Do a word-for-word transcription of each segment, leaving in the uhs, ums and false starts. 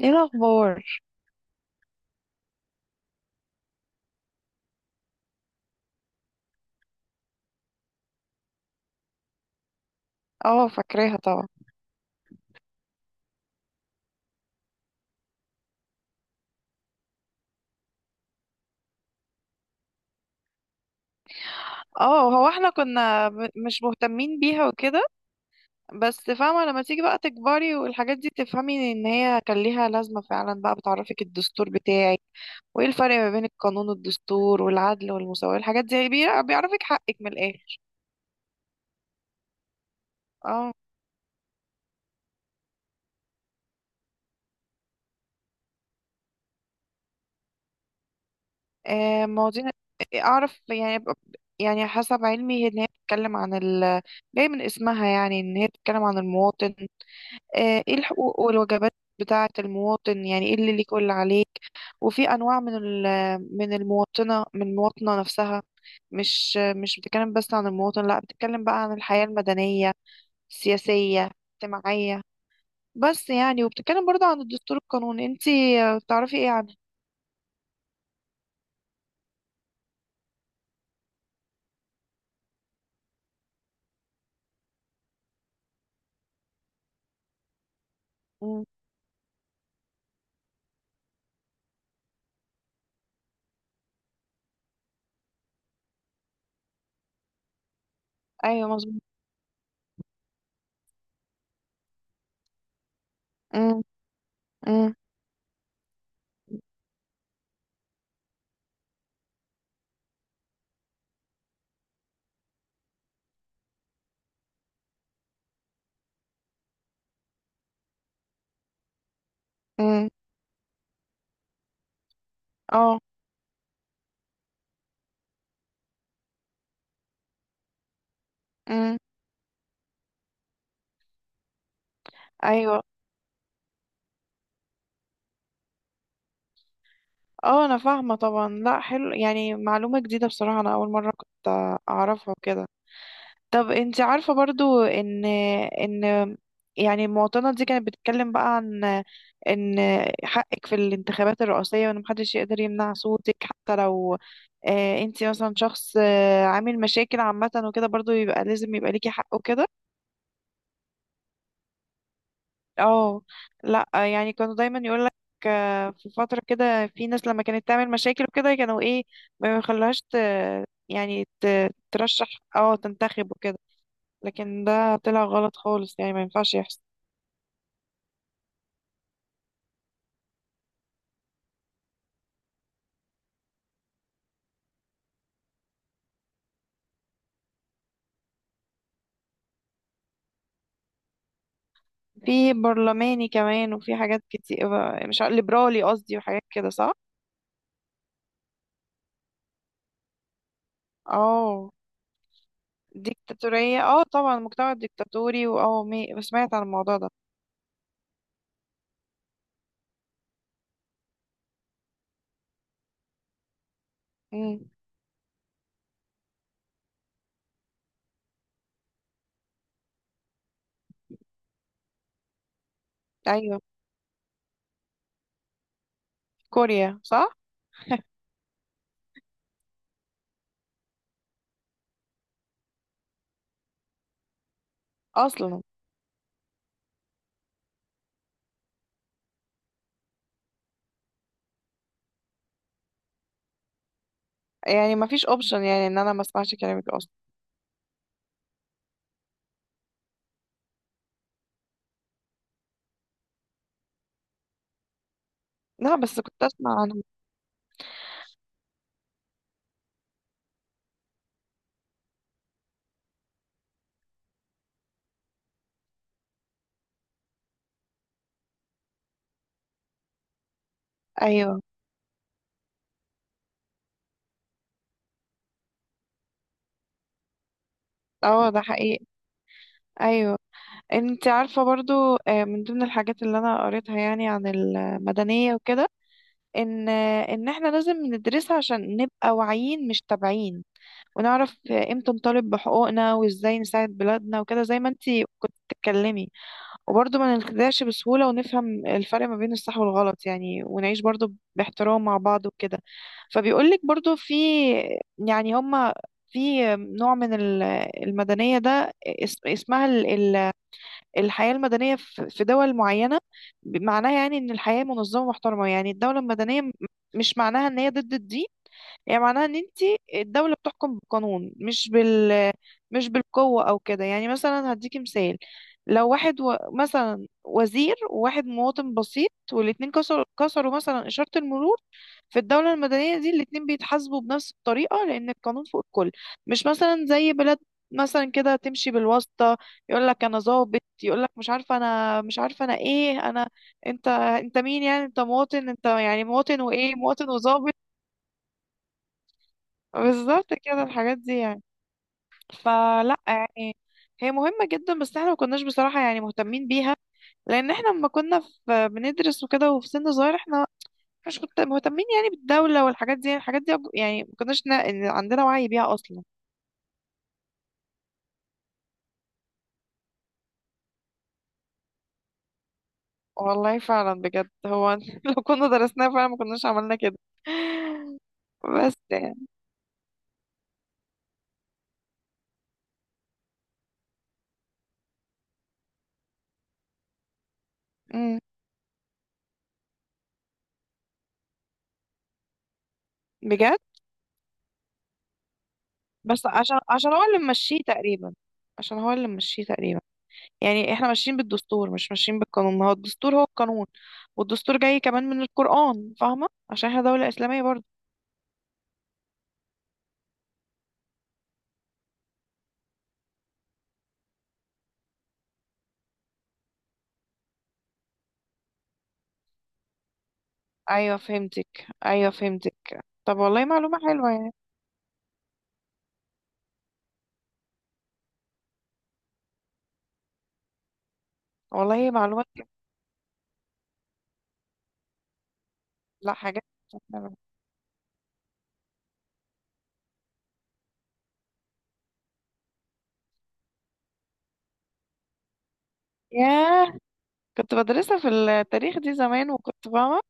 ايه الاخبار؟ اه، فاكراها طبعا. اه، هو احنا كنا م- مش مهتمين بيها وكده. بس فاهمه، لما تيجي بقى تكبري والحاجات دي تفهمي ان هي كان ليها لازمه فعلا، بقى بتعرفك الدستور بتاعك. وايه الفرق ما بين القانون والدستور والعدل والمساواه؟ الحاجات دي بي- بيعرفك حقك من الاخر. اه. آه، مواضيع. اعرف يعني ب- يعني حسب علمي ان هي بتتكلم عن ال جاي من اسمها، يعني ان هي بتتكلم عن المواطن. آه، ايه الحقوق والواجبات بتاعة المواطن، يعني ايه اللي ليك واللي عليك. وفي انواع من ال- من المواطنة من المواطنة نفسها. مش مش بتتكلم بس عن المواطن، لا، بتتكلم بقى عن الحياة المدنية، السياسية، الاجتماعية. بس يعني، وبتتكلم برضه عن الدستور القانوني. انتي آه، تعرفي ايه عنه؟ مم. ايوه، مظبوط. مم. مم. مم. اه. مم. ايوه. اه، انا فاهمة طبعا. لا، حلو، يعني معلومة جديدة بصراحة، انا اول مرة كنت آه، اعرفها كده. طب انت عارفة برضو ان ان يعني المواطنة دي كانت بتتكلم بقى عن ان حقك في الانتخابات الرئاسية، وان محدش يقدر يمنع صوتك، حتى لو اه انت مثلا شخص اه عامل مشاكل عامة وكده، برضو يبقى لازم يبقى ليكي حق وكده. اه. لا، يعني كانوا دايما يقولك اه، في فترة كده في ناس لما كانت تعمل مشاكل وكده، كانوا ايه، ما يخلوهاش ت- يعني ت- ترشح، اه، تنتخب وكده. لكن ده طلع غلط خالص، يعني ما ينفعش يحصل. في برلماني كمان، وفي حاجات كتير، مش عارف- ليبرالي قصدي وحاجات كده، صح؟ اه، ديكتاتورية. اه طبعا، مجتمع ديكتاتوري. واه مي... سمعت عن الموضوع ده. امم. ايوه. كوريا، صح؟ اصلا. يعني ما فيش اوبشن، يعني ان انا ما اسمعش كلامك اصلا. لا، بس كنت اسمع عنه. ايوه. اه، ده حقيقي. ايوه. انت عارفة برضو آه، من ضمن الحاجات اللي انا قريتها يعني عن المدنية وكده، ان ان احنا لازم ندرسها عشان نبقى واعيين مش تابعين، ونعرف امتى نطالب بحقوقنا وازاي نساعد بلادنا وكده، زي ما انتي كنت بتتكلمي. وبرضه ما نخدعش بسهولة، ونفهم الفرق ما بين الصح والغلط يعني، ونعيش برضه باحترام مع بعض وكده. فبيقولك برضه، في يعني هما في نوع من ال- المدنية ده اس- اسمها الحياة المدنية، في في دول معينة ب- معناها يعني ان الحياة منظمة ومحترمة. يعني الدولة المدنية م- مش معناها ان هي ضد الدين. يعني معناها ان انت الدولة بتحكم بالقانون، مش بال مش بالقوة او كده. يعني مثلا هديكي مثال، لو واحد و... مثلا وزير، وواحد مواطن بسيط، والاتنين كسر... كسروا مثلا إشارة المرور. في الدولة المدنية دي الاتنين بيتحاسبوا بنفس الطريقة، لأن القانون فوق الكل. مش مثلا زي بلاد مثلا كده تمشي بالواسطة، يقول لك انا ظابط، يقول لك مش عارفه انا، مش عارفه انا ايه، انا، انت انت مين؟ يعني انت مواطن، انت يعني مواطن، وايه، مواطن وظابط. بالظبط كده الحاجات دي يعني. فلا، يعني هي مهمه جدا، بس احنا ما كناش بصراحه يعني مهتمين بيها، لان احنا لما كنا في بندرس وكده وفي سن صغير، احنا مش كنت مهتمين يعني بالدوله والحاجات دي. الحاجات دي يعني ما كناش نا- عندنا وعي بيها اصلا. والله فعلا بجد، هو لو كنا درسناها فعلا ما كناش عملنا كده. بس يعني. مم. بجد. بس عشان عشان هو اللي ممشيه تقريبا. عشان هو اللي ممشيه تقريبا. يعني احنا ماشيين بالدستور، مش ماشيين بالقانون، هو الدستور هو القانون. والدستور جاي كمان من القرآن، فاهمة؟ عشان احنا دولة إسلامية برضه. ايوه فهمتك، ايوه فهمتك. طب والله معلومة حلوة يعني. والله معلومات كده. لا، حاجات حلوة. ياه. كنت بدرسها في التاريخ دي زمان، وكنت فاهمة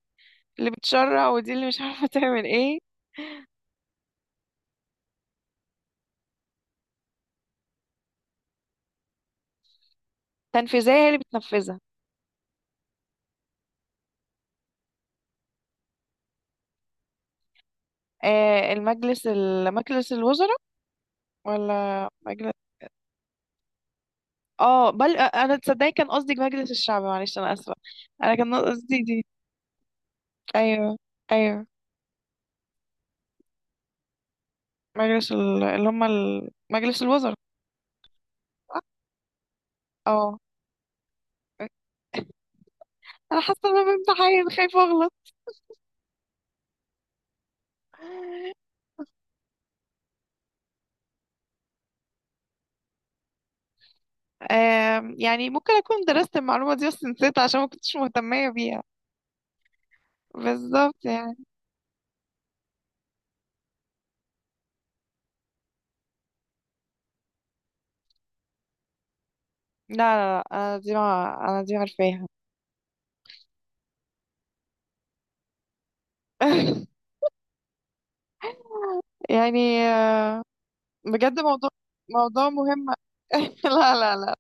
اللي بتشرع، ودي اللي مش عارفة تعمل ايه. تنفيذية هي اللي بتنفذها. آه، المجلس، ال- مجلس الوزراء. ولا مجلس... اه، بل انا تصدقي كان قصدي مجلس الشعب، معلش انا اسفه. انا كان قصدي دي. ايوه. ايوه. مجلس ال... اللي هم ال... مجلس الوزراء. اه. انا حاسه ان انا بامتحان، خايفه اغلط. آم، يعني ممكن اكون درست المعلومه دي بس نسيتها عشان ما كنتش مهتميه بيها. بالظبط يعني. لا لا لا. انا دي ما انا دي عارفاها. يعني آه، بجد موضوع، موضوع مهم. لا لا لا.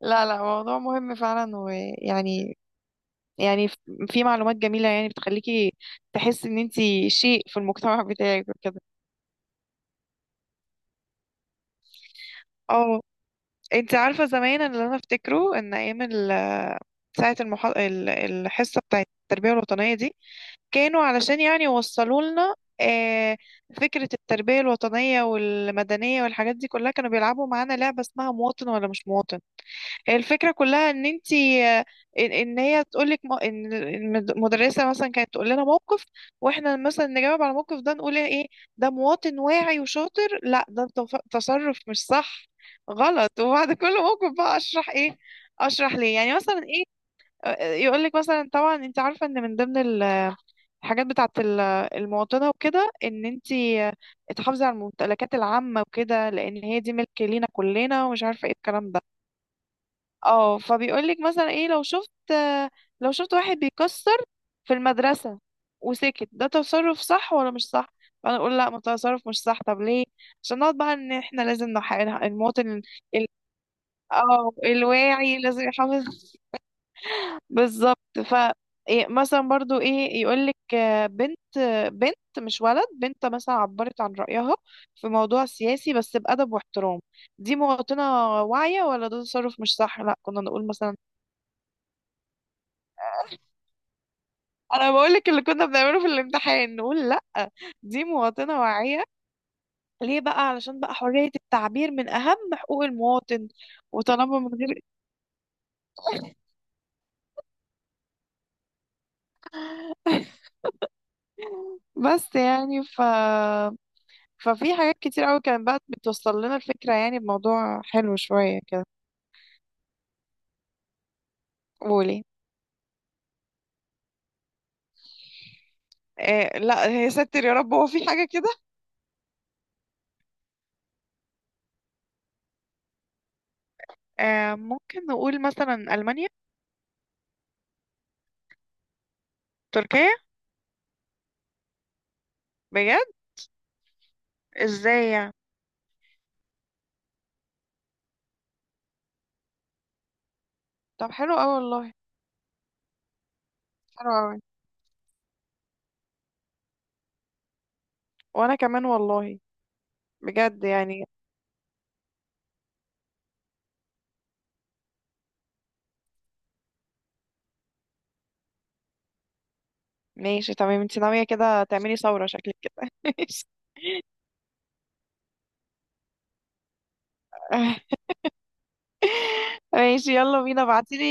لا لا، موضوع مهم فعلا، ويعني، يعني ف- في معلومات جميلة يعني بتخليكي تحسي ان انتي شيء في المجتمع بتاعك وكده. اه. انتي عارفة زمان، أنا اللي انا افتكره ان ايام ال- ساعة المح... ال- الحصة بتاعت التربية الوطنية دي، كانوا علشان يعني يوصلوا لنا آه، فكرة التربية الوطنية والمدنية والحاجات دي كلها، كانوا بيلعبوا معانا لعبة اسمها مواطن ولا مش مواطن. الفكرة كلها ان انتي، ان إن هي تقولك م- ان إن المدرسة مثلا كانت تقول لنا موقف، واحنا مثلا نجاوب على الموقف ده نقول ايه، ده مواطن واعي وشاطر، لا ده تف- تصرف مش صح، غلط. وبعد كل موقف بقى اشرح ايه، اشرح ليه يعني مثلا ايه. يقولك مثلا، طبعا انت عارفة ان من ضمن ال- الحاجات بتاعت ال- المواطنة وكده، ان انتي تحافظي على الممتلكات العامة وكده، لان هي دي ملك لينا كلنا ومش عارفة ايه الكلام ده. اه. فبيقولك مثلا ايه، لو شفت آه، لو شفت واحد بيكسر في المدرسة وسكت، ده تصرف صح ولا مش صح؟ فانا اقول لا، ما تصرف مش صح. طب ليه؟ عشان نقعد بقى ان احنا لازم نح... المواطن ال... اه الواعي لازم يحافظ. بالظبط. ف إيه مثلا برضو ايه، يقولك آه، بنت آه، بنت مش ولد، بنت مثلا عبرت عن رأيها في موضوع سياسي بس بأدب واحترام، دي مواطنة واعية ولا ده تصرف مش صح؟ لا، كنا نقول مثلا، انا بقولك اللي كنا بنعمله في الامتحان، نقول لا دي مواطنة واعية. ليه بقى؟ علشان بقى حرية التعبير من اهم حقوق المواطن، وطالما من غير. بس يعني ف، ففي حاجات كتير قوي كانت بقى بتوصل لنا الفكرة يعني بموضوع حلو شوية كده. قولي. آه لا، هي ستر يا رب، هو في حاجة كده؟ آه، ممكن نقول مثلا ألمانيا؟ تركيا؟ بجد؟ ازاي يعني؟ طب حلو قوي والله. حلو قوي. وانا كمان والله. بجد يعني. ماشي تمام، انت ناوية كده تعملي ثورة، شكلك كده. ماشي. ماشي، يلا بينا، ابعتيلي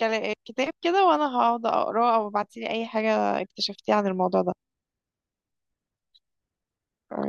كلا- كتاب كده وانا هقعد اقراه، او ابعتيلي اي حاجة اكتشفتيها عن الموضوع ده.